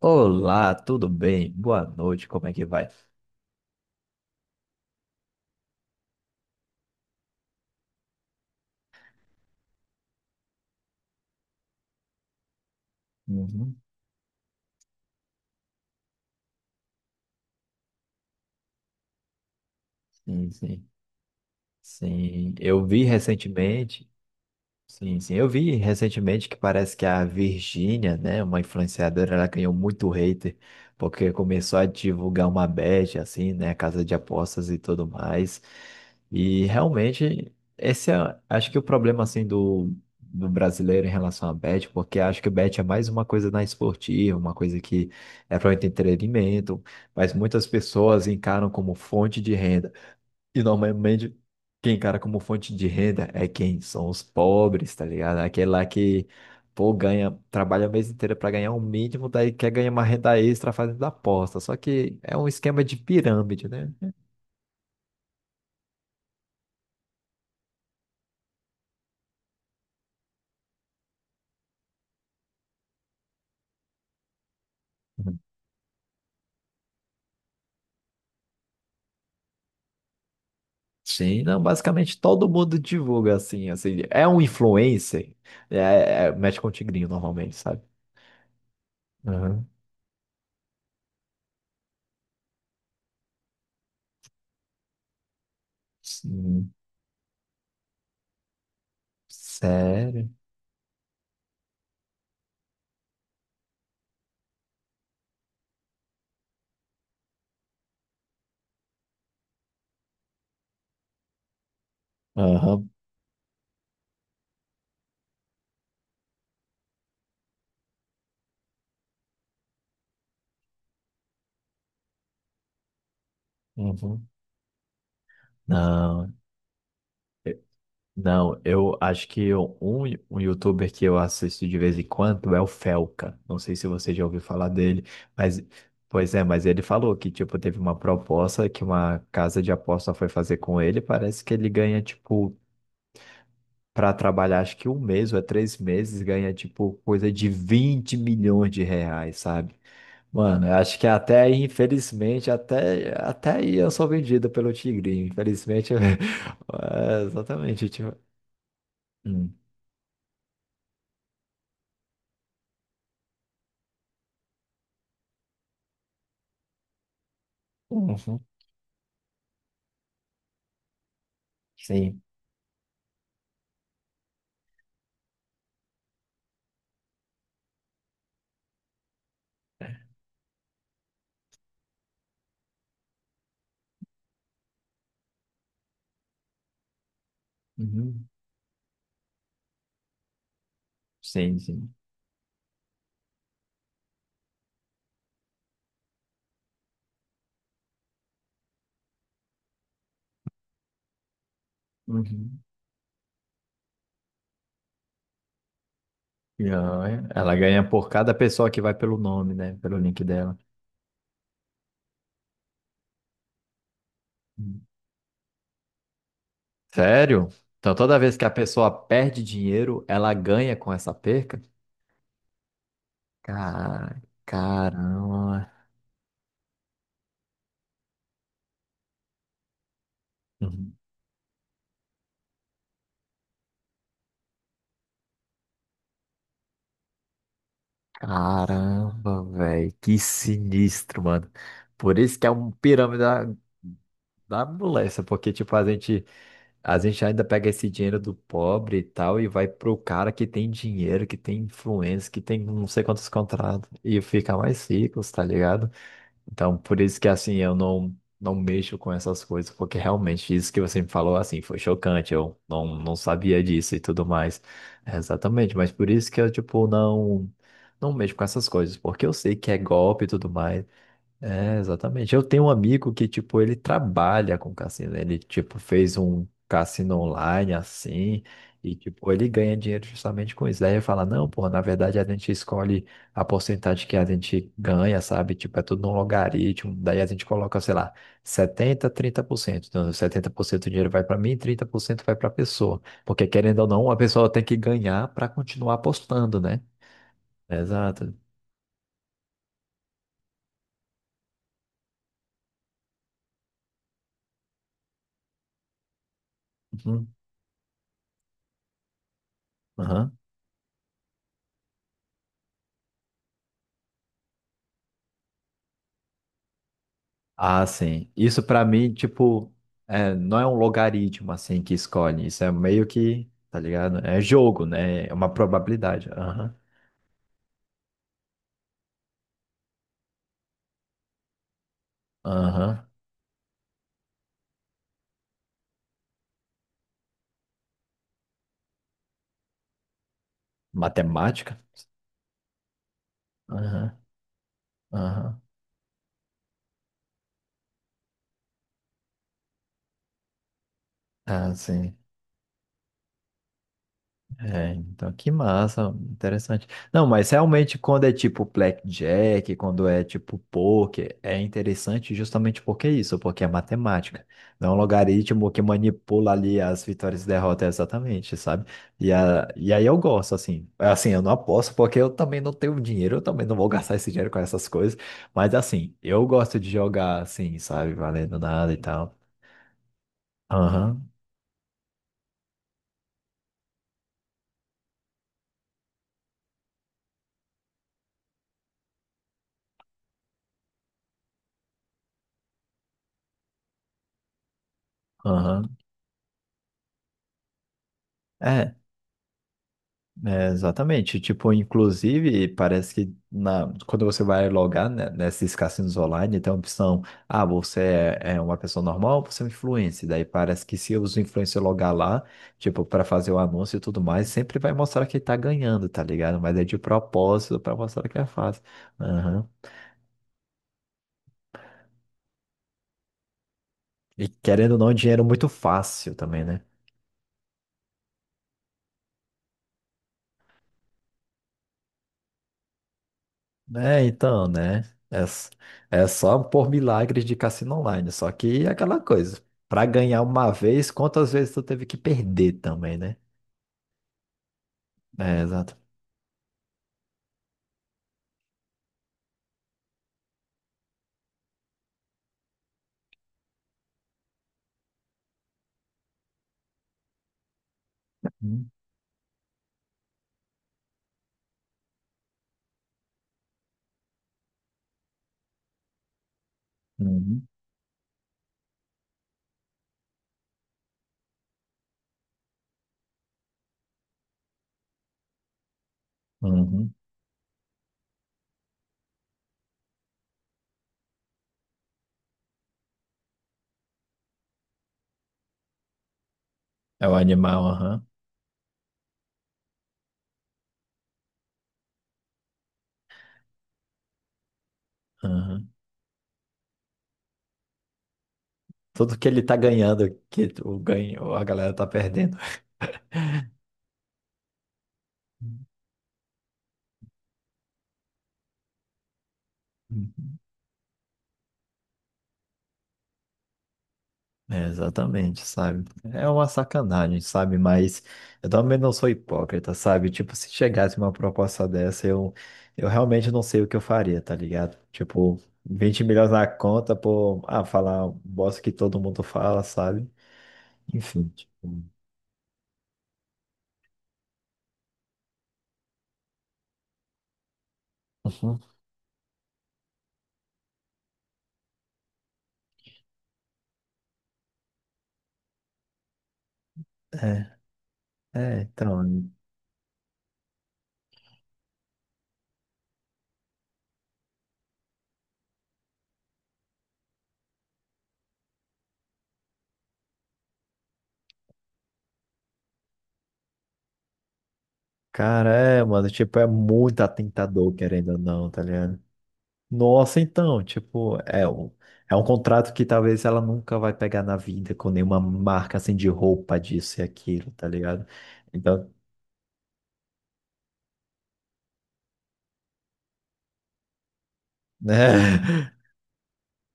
Olá, tudo bem? Boa noite, como é que vai? Uhum. Sim, sim, sim. Eu vi recentemente, sim, sim. Eu vi recentemente que parece que a Virgínia, né, uma influenciadora, ela ganhou muito hater porque começou a divulgar uma bet, assim, né, casa de apostas e tudo mais. E realmente, esse é, acho que o problema, assim, do brasileiro em relação à bet, porque acho que bet é mais uma coisa na esportiva, uma coisa que é para o entretenimento, mas muitas pessoas encaram como fonte de renda. E normalmente quem encara como fonte de renda é quem? São os pobres, tá ligado? Aquele lá que, pô, ganha, trabalha o mês inteiro para ganhar o mínimo, daí quer ganhar uma renda extra fazendo aposta. Só que é um esquema de pirâmide, né? Uhum. Sim, não, basicamente todo mundo divulga assim, assim, é um influencer, é, mexe com o tigrinho normalmente, sabe? Aham. Sim. Sério? Aham. Uhum. Não. Não, eu acho que um youtuber que eu assisto de vez em quando é o Felca. Não sei se você já ouviu falar dele, mas pois é, mas ele falou que tipo teve uma proposta que uma casa de aposta foi fazer com ele. Parece que ele ganha tipo para trabalhar acho que um mês ou é três meses ganha tipo coisa de 20 milhões de reais, sabe? Mano, eu acho que até aí, infelizmente, até aí eu sou vendido pelo Tigrinho. Infelizmente, eu- é, exatamente. Tipo... Hum. Uhum. Sim. Uhum. Sim, sim. Uhum. E ela ganha por cada pessoa que vai pelo nome, né? Pelo link dela. Uhum. Sério? Então toda vez que a pessoa perde dinheiro, ela ganha com essa perca? Cara, caramba. Uhum. Caramba, velho. Que sinistro, mano. Por isso que é um pirâmide da, da moléstia, porque, tipo, a gente. A gente ainda pega esse dinheiro do pobre e tal e vai pro cara que tem dinheiro, que tem influência, que tem não sei quantos contratos e fica mais rico, tá ligado? Então, por isso que assim, eu não não mexo com essas coisas, porque realmente isso que você me falou assim foi chocante, eu não não sabia disso e tudo mais. É, exatamente, mas por isso que eu tipo não não mexo com essas coisas, porque eu sei que é golpe e tudo mais. É, exatamente. Eu tenho um amigo que, tipo, ele trabalha com cassino, né? Ele, tipo, fez um cassino online, assim, e, tipo, ele ganha dinheiro justamente com isso. Daí ele fala, não, pô, na verdade a gente escolhe a porcentagem que a gente ganha, sabe? Tipo, é tudo num logaritmo. Daí a gente coloca, sei lá, 70, 30%. Então, 70% do dinheiro vai para mim, 30% vai para a pessoa. Porque, querendo ou não, a pessoa tem que ganhar para continuar apostando, né? Exato. Uhum. Aham. Ah, sim. Isso pra mim, tipo, é, não é um logaritmo assim que escolhe. Isso é meio que, tá ligado? É jogo, né? É uma probabilidade. Aham. Aham. Matemática? Aham. Aham. Ah, sim. É, então que massa, interessante. Não, mas realmente quando é tipo blackjack, quando é tipo poker, é interessante justamente porque é isso, porque é matemática. Não é um logaritmo que manipula ali as vitórias e derrotas exatamente, sabe? E aí eu gosto, assim. Assim, eu não aposto porque eu também não tenho dinheiro, eu também não vou gastar esse dinheiro com essas coisas. Mas assim, eu gosto de jogar assim, sabe? Valendo nada e tal. Aham, aham. É, é, exatamente. Tipo, inclusive, parece que na, quando você vai logar, né, nesses cassinos online, tem a opção, ah, você é, é uma pessoa normal, você é um influencer. Daí parece que se os influencers logar lá, tipo, para fazer o anúncio e tudo mais, sempre vai mostrar que tá ganhando, tá ligado? Mas é de propósito para mostrar que é fácil. Aham. E querendo ou não, dinheiro é muito fácil também, né? Né, então, né? É, é só por milagres de cassino online. Só que é aquela coisa. Pra ganhar uma vez, quantas vezes tu teve que perder também, né? É, exato. Uhum, uhum, uhum. É o animal, aham. Aham. Tudo que ele tá ganhando, que o ganho, a galera tá perdendo. É, exatamente, sabe? É uma sacanagem, sabe? Mas eu também não sou hipócrita, sabe? Tipo, se chegasse uma proposta dessa, eu realmente não sei o que eu faria, tá ligado? Tipo, 20 milhões na conta por, ah, falar um bosta que todo mundo fala, sabe? Enfim, tipo, uhum. É, é, então, cara, é, mano, tipo, é muito atentador, querendo ou não, tá ligado? Nossa, então, tipo, é um contrato que talvez ela nunca vai pegar na vida com nenhuma marca assim de roupa disso e aquilo, tá ligado? Então, né?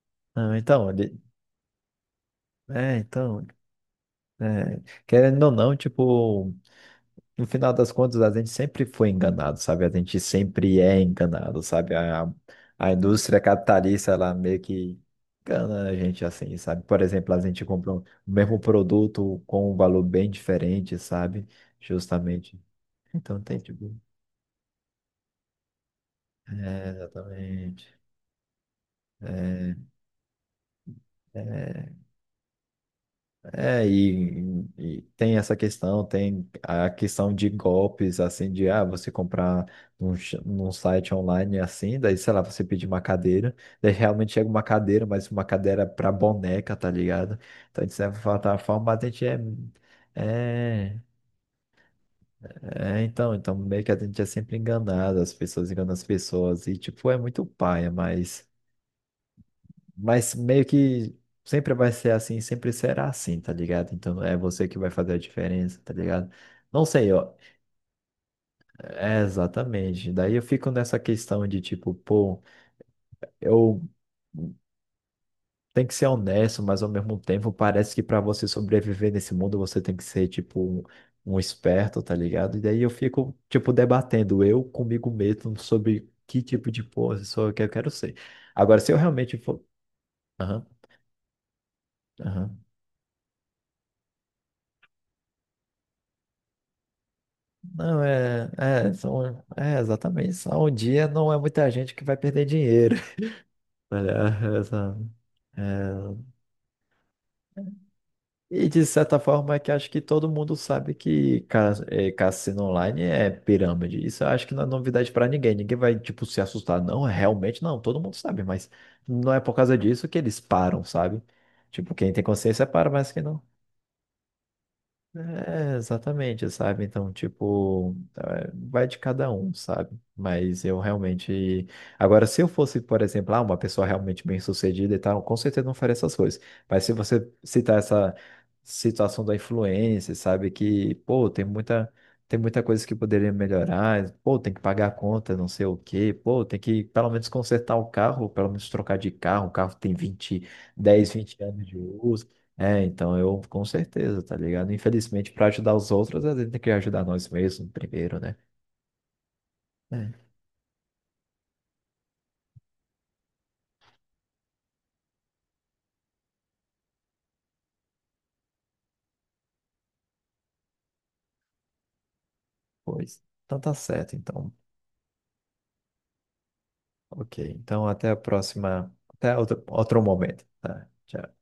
Não, então, ele- é, então, é, querendo ou não, tipo, no final das contas, a gente sempre foi enganado, sabe? A gente sempre é enganado, sabe? A indústria capitalista, ela meio que engana a gente assim, sabe? Por exemplo, a gente compra o mesmo produto com um valor bem diferente, sabe? Justamente. Então tem tipo. É, exatamente. É, é, e tem essa questão, tem a questão de golpes, assim, de ah, você comprar num site online assim, daí, sei lá, você pedir uma cadeira, daí realmente chega uma cadeira, mas uma cadeira é pra boneca, tá ligado? Então, de certa forma, a gente é. É, é, então, então meio que a gente é sempre enganado, as pessoas enganam as pessoas, e tipo, é muito paia, mas. Mas meio que sempre vai ser assim, sempre será assim, tá ligado? Então é você que vai fazer a diferença, tá ligado? Não sei, ó. É exatamente. Daí eu fico nessa questão de tipo, pô, eu tenho que ser honesto, mas ao mesmo tempo parece que para você sobreviver nesse mundo você tem que ser tipo um, um esperto, tá ligado? E daí eu fico tipo debatendo eu comigo mesmo sobre que tipo de pessoa que eu quero ser. Agora, se eu realmente for. Aham, aham. Não, é, é, são, é exatamente. Só um dia não é muita gente que vai perder dinheiro. Olha, essa- é. E de certa forma é que acho que todo mundo sabe que é, cassino online é pirâmide. Isso eu acho que não é novidade para ninguém. Ninguém vai, tipo, se assustar. Não, realmente não. Todo mundo sabe, mas não é por causa disso que eles param, sabe? Tipo, quem tem consciência para, mas quem não. É, exatamente, sabe? Então, tipo, é, vai de cada um, sabe? Mas eu realmente. Agora, se eu fosse, por exemplo, ah, uma pessoa realmente bem-sucedida e tal, com certeza não faria essas coisas. Mas se você citar essa situação da influência, sabe? Que, pô, tem muita coisa que poderia melhorar, pô, tem que pagar a conta, não sei o quê, pô, tem que pelo menos consertar o carro, pelo menos trocar de carro, o carro tem 20 10 20 anos de uso. É, então eu com certeza, tá ligado? Infelizmente, para ajudar os outros, a gente tem que ajudar nós mesmos primeiro, né? É, pois. Então tá certo, então. Ok. Então até a próxima. Até outro momento. Tá, tchau.